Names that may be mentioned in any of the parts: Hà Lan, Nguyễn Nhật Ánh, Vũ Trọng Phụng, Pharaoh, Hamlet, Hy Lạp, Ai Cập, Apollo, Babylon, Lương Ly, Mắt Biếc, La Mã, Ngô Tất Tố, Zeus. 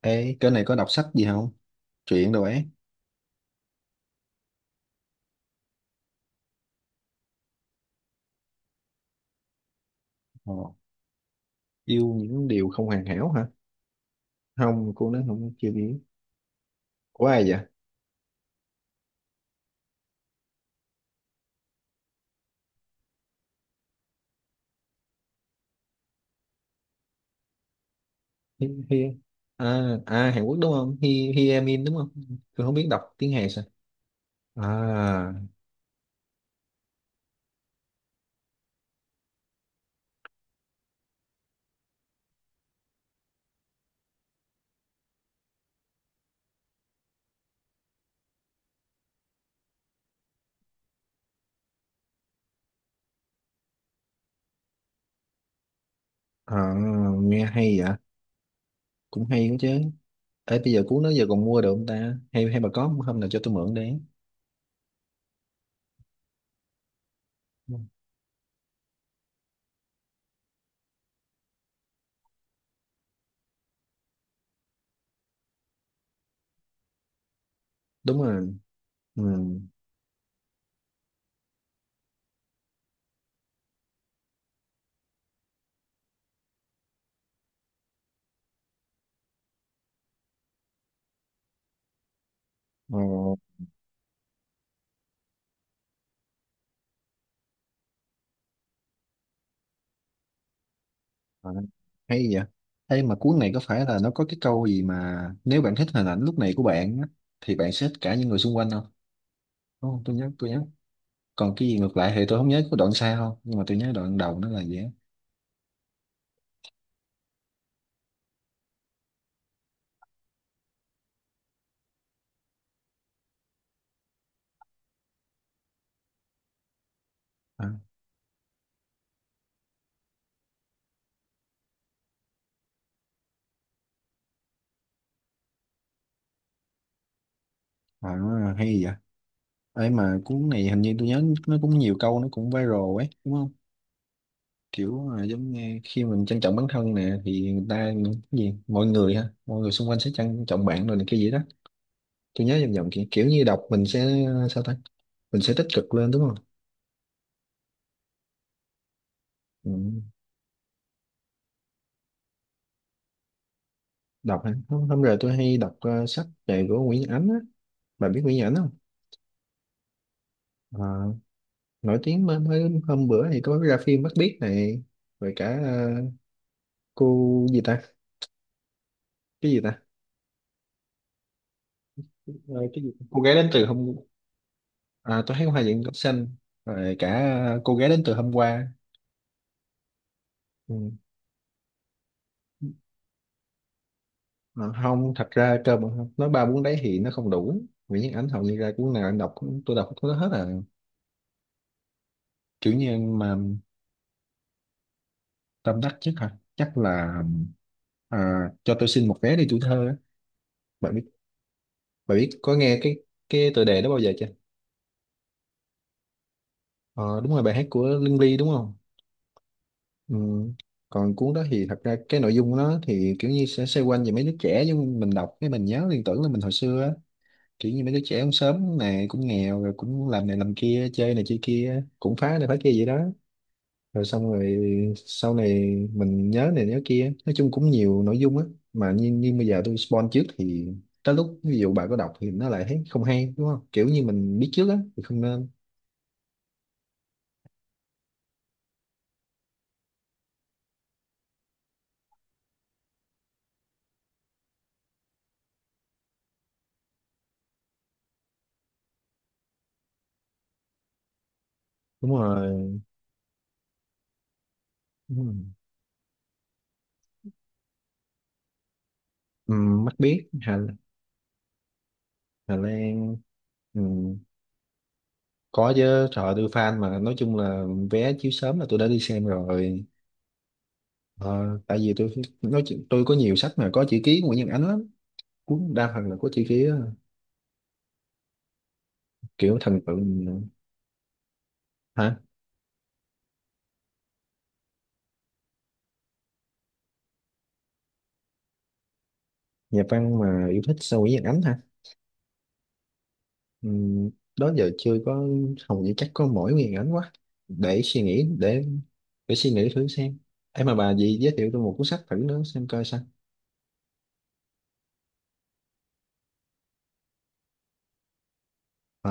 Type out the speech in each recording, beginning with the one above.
Ê, cái này có đọc sách gì không? Truyện đồ ấy. Ờ, yêu những điều không hoàn hảo hả? Không, cô nói không chưa biết. Của ai vậy? Hi, hi. À, à, Hàn Quốc đúng không? Hi, hi Em In đúng không? Tôi không biết đọc tiếng Hàn sao. À, à, nghe hay vậy. Cũng hay đó chứ. Ê, bây giờ cuốn đó giờ còn mua được không ta? Hay hay bà có không? Hôm nào cho tôi mượn đấy. Đúng rồi. Ừ. Ờ. À, hay vậy. Ê mà cuốn này có phải là nó có cái câu gì mà nếu bạn thích hình ảnh lúc này của bạn á, thì bạn sẽ thích cả những người xung quanh không, đúng không? Tôi nhớ. Còn cái gì ngược lại thì tôi không nhớ, có đoạn sau không, nhưng mà tôi nhớ đoạn đầu nó là gì á. À, à, hay vậy. Ê mà cuốn này hình như tôi nhớ nó cũng nhiều câu nó cũng viral ấy đúng không? Kiểu à, giống như khi mình trân trọng bản thân nè thì người ta, cái gì, mọi người ha, mọi người xung quanh sẽ trân trọng bạn rồi này, cái gì đó. Tôi nhớ vòng vòng kiểu như đọc mình sẽ, à, sao ta, mình sẽ tích cực lên đúng không? Ừ. Đọc hả? Không, hôm rồi tôi hay đọc sách về của Nguyễn Nhật Ánh á. Bà biết Nguyễn Nhật Ánh không? Ờ, nổi tiếng. Mới hôm bữa thì có ra phim Mắt Biếc này, rồi cả cô gì ta, cái gì ta? Ờ, cái gì? Cô gái đến từ hôm... À, tôi thấy hoa diện cỏ xanh, rồi cả cô gái đến từ hôm qua. Ừ. Ờ, không, thật ra cơ mà không nói ba cuốn đấy thì nó không đủ. Nguyễn Nhật Ánh hầu như ra cuốn nào tôi đọc cũng có hết à, kiểu như mà. Tâm đắc nhất hả? Chắc là à, cho tôi xin một vé đi tuổi thơ. Bạn biết bạn biết có nghe cái tựa đề đó bao giờ chưa? Ờ, đúng rồi, bài hát của Lương Ly đúng không? Ừ. Còn cuốn đó thì thật ra cái nội dung nó thì kiểu như sẽ xoay quanh về mấy đứa trẻ, nhưng mình đọc cái mình nhớ liên tưởng là mình hồi xưa á, kiểu như mấy đứa trẻ cũng sớm này, cũng nghèo rồi cũng làm này làm kia, chơi này chơi kia, cũng phá này phá kia vậy đó. Rồi xong rồi sau này mình nhớ này nhớ kia, nói chung cũng nhiều nội dung á. Mà như, như bây giờ tôi spoil trước thì tới lúc ví dụ bà có đọc thì nó lại thấy không hay đúng không? Kiểu như mình biết trước á thì không nên. Đúng rồi, đúng rồi. Ừ, mắt biết. Hà Lan. Ừ, có chứ, trời ơi, tôi fan mà, nói chung là vé chiếu sớm là tôi đã đi xem rồi. Ờ, tại vì tôi tôi có nhiều sách mà có chữ ký của Nguyễn Nhân Ánh lắm, cuốn đa phần là có chữ ký á. Kiểu thần tượng. Hả? Nhà văn mà yêu thích sao? Nguyễn Nhân Ánh hả? Ừ, đó giờ chưa có, hầu như chắc có mỗi Nguyễn Nhân Ánh quá. Để suy nghĩ để để suy nghĩ thử xem. Em mà bà gì giới thiệu tôi một cuốn sách thử nữa xem coi sao. Ờ.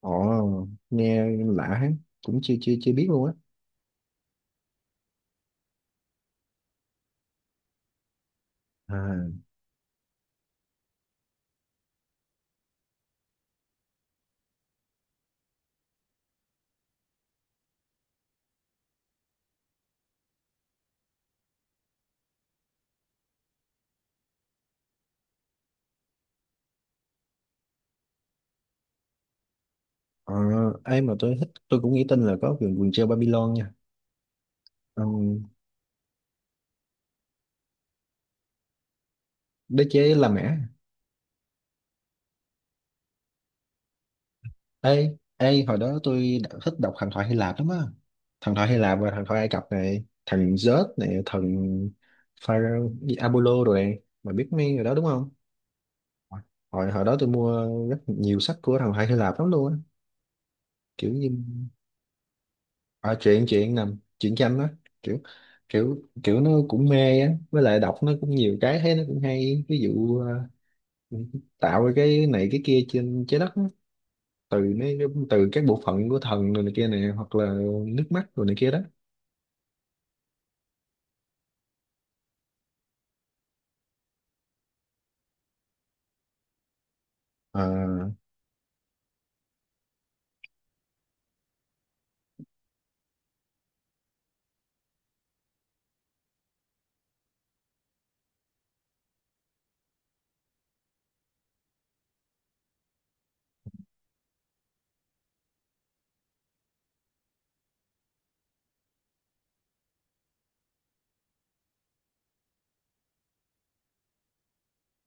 Ồ, nghe lạ hết, cũng chưa chưa chưa biết luôn á. À, ờ, ai mà tôi thích, tôi cũng nghĩ tin là có vườn vườn treo Babylon nha. Ờ, đế chế La Mã. Ê, hồi đó tôi đã thích đọc thần thoại Hy Lạp lắm á. Thần thoại Hy Lạp và thần thoại Ai Cập này, thần Zeus này, thần Pharaoh, gì, Apollo rồi này. Mà biết mấy người đó đúng không? Hồi hồi đó tôi mua rất nhiều sách của thần thoại Hy Lạp lắm luôn á. Kiểu như à, chuyện chuyện nằm chuyện tranh đó, kiểu kiểu kiểu nó cũng mê á, với lại đọc nó cũng nhiều cái thấy nó cũng hay, ví dụ tạo ra cái này cái kia trên trái đất á, từ các bộ phận của thần rồi này kia này, hoặc là nước mắt rồi này kia đó. à,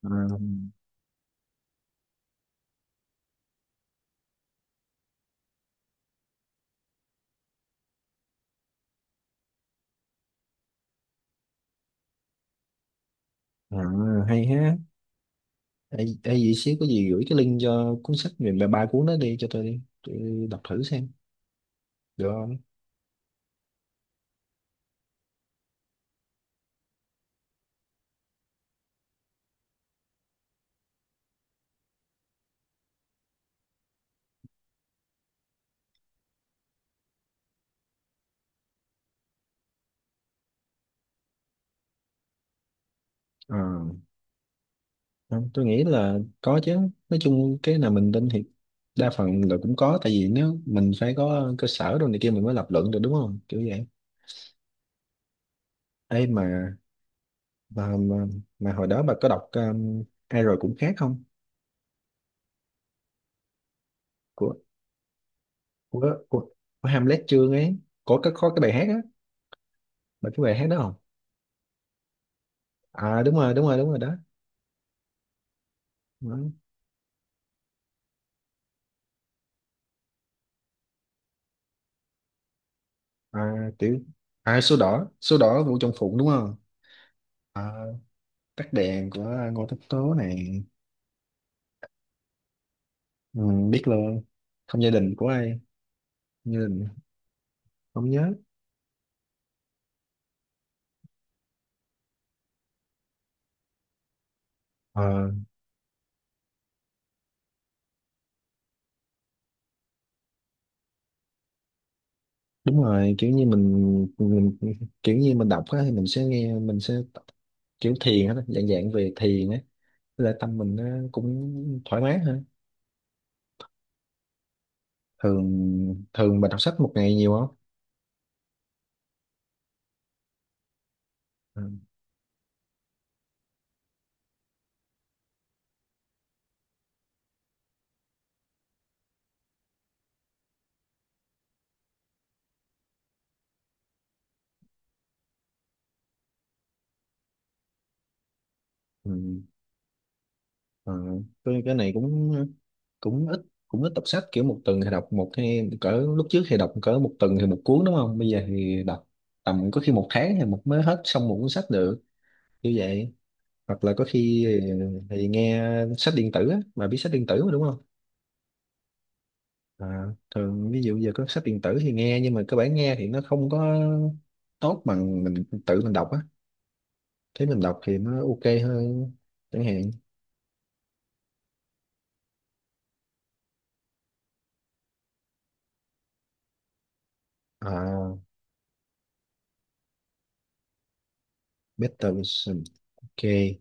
à, à, hay ha, hay, hay gì xíu, có gì gửi cái link cho cuốn sách về ba ba cuốn đó đi cho tôi, đi tôi đọc thử xem được không? À, không, tôi nghĩ là có chứ. Nói chung cái nào mình tin thì đa phần là cũng có, tại vì nếu mình phải có cơ sở đồ này kia mình mới lập luận được đúng không, kiểu vậy ấy mà mà mà, mà, hồi đó bà có đọc ai rồi cũng khác không? Của, của của, của Hamlet Chương ấy, có cái bài hát á, bà cái bài hát đó không? À, đúng rồi, đúng rồi, đúng rồi đó. Đúng. À tiểu. À, số đỏ, số đỏ Vũ Trọng Phụng đúng không? À, tắt đèn của Ngô Tất Tố này. Ừ, biết luôn. Không gia đình của ai? như Không nhớ. Ờ, đúng rồi, kiểu như mình, kiểu như mình đọc á thì mình sẽ nghe, kiểu thiền á, dạng dạng về thiền á là tâm mình nó cũng thoải mái hơn. Thường thường bà đọc sách một ngày nhiều không? Ừ. Ừ. Ờ, cái này cũng cũng ít cũng ít đọc sách kiểu một tuần thì đọc một, hay cỡ lúc trước thì đọc cỡ một tuần thì một cuốn đúng không? Bây giờ thì đọc tầm có khi một tháng thì một mới hết xong một cuốn sách được, như vậy. Hoặc là có khi thì nghe sách điện tử á, bà biết sách điện tử mà đúng không? À, thường ví dụ giờ có sách điện tử thì nghe, nhưng mà cơ bản nghe thì nó không có tốt bằng mình tự mình đọc á, thế mình đọc thì nó OK hơn chẳng hạn. À, Better Vision. OK.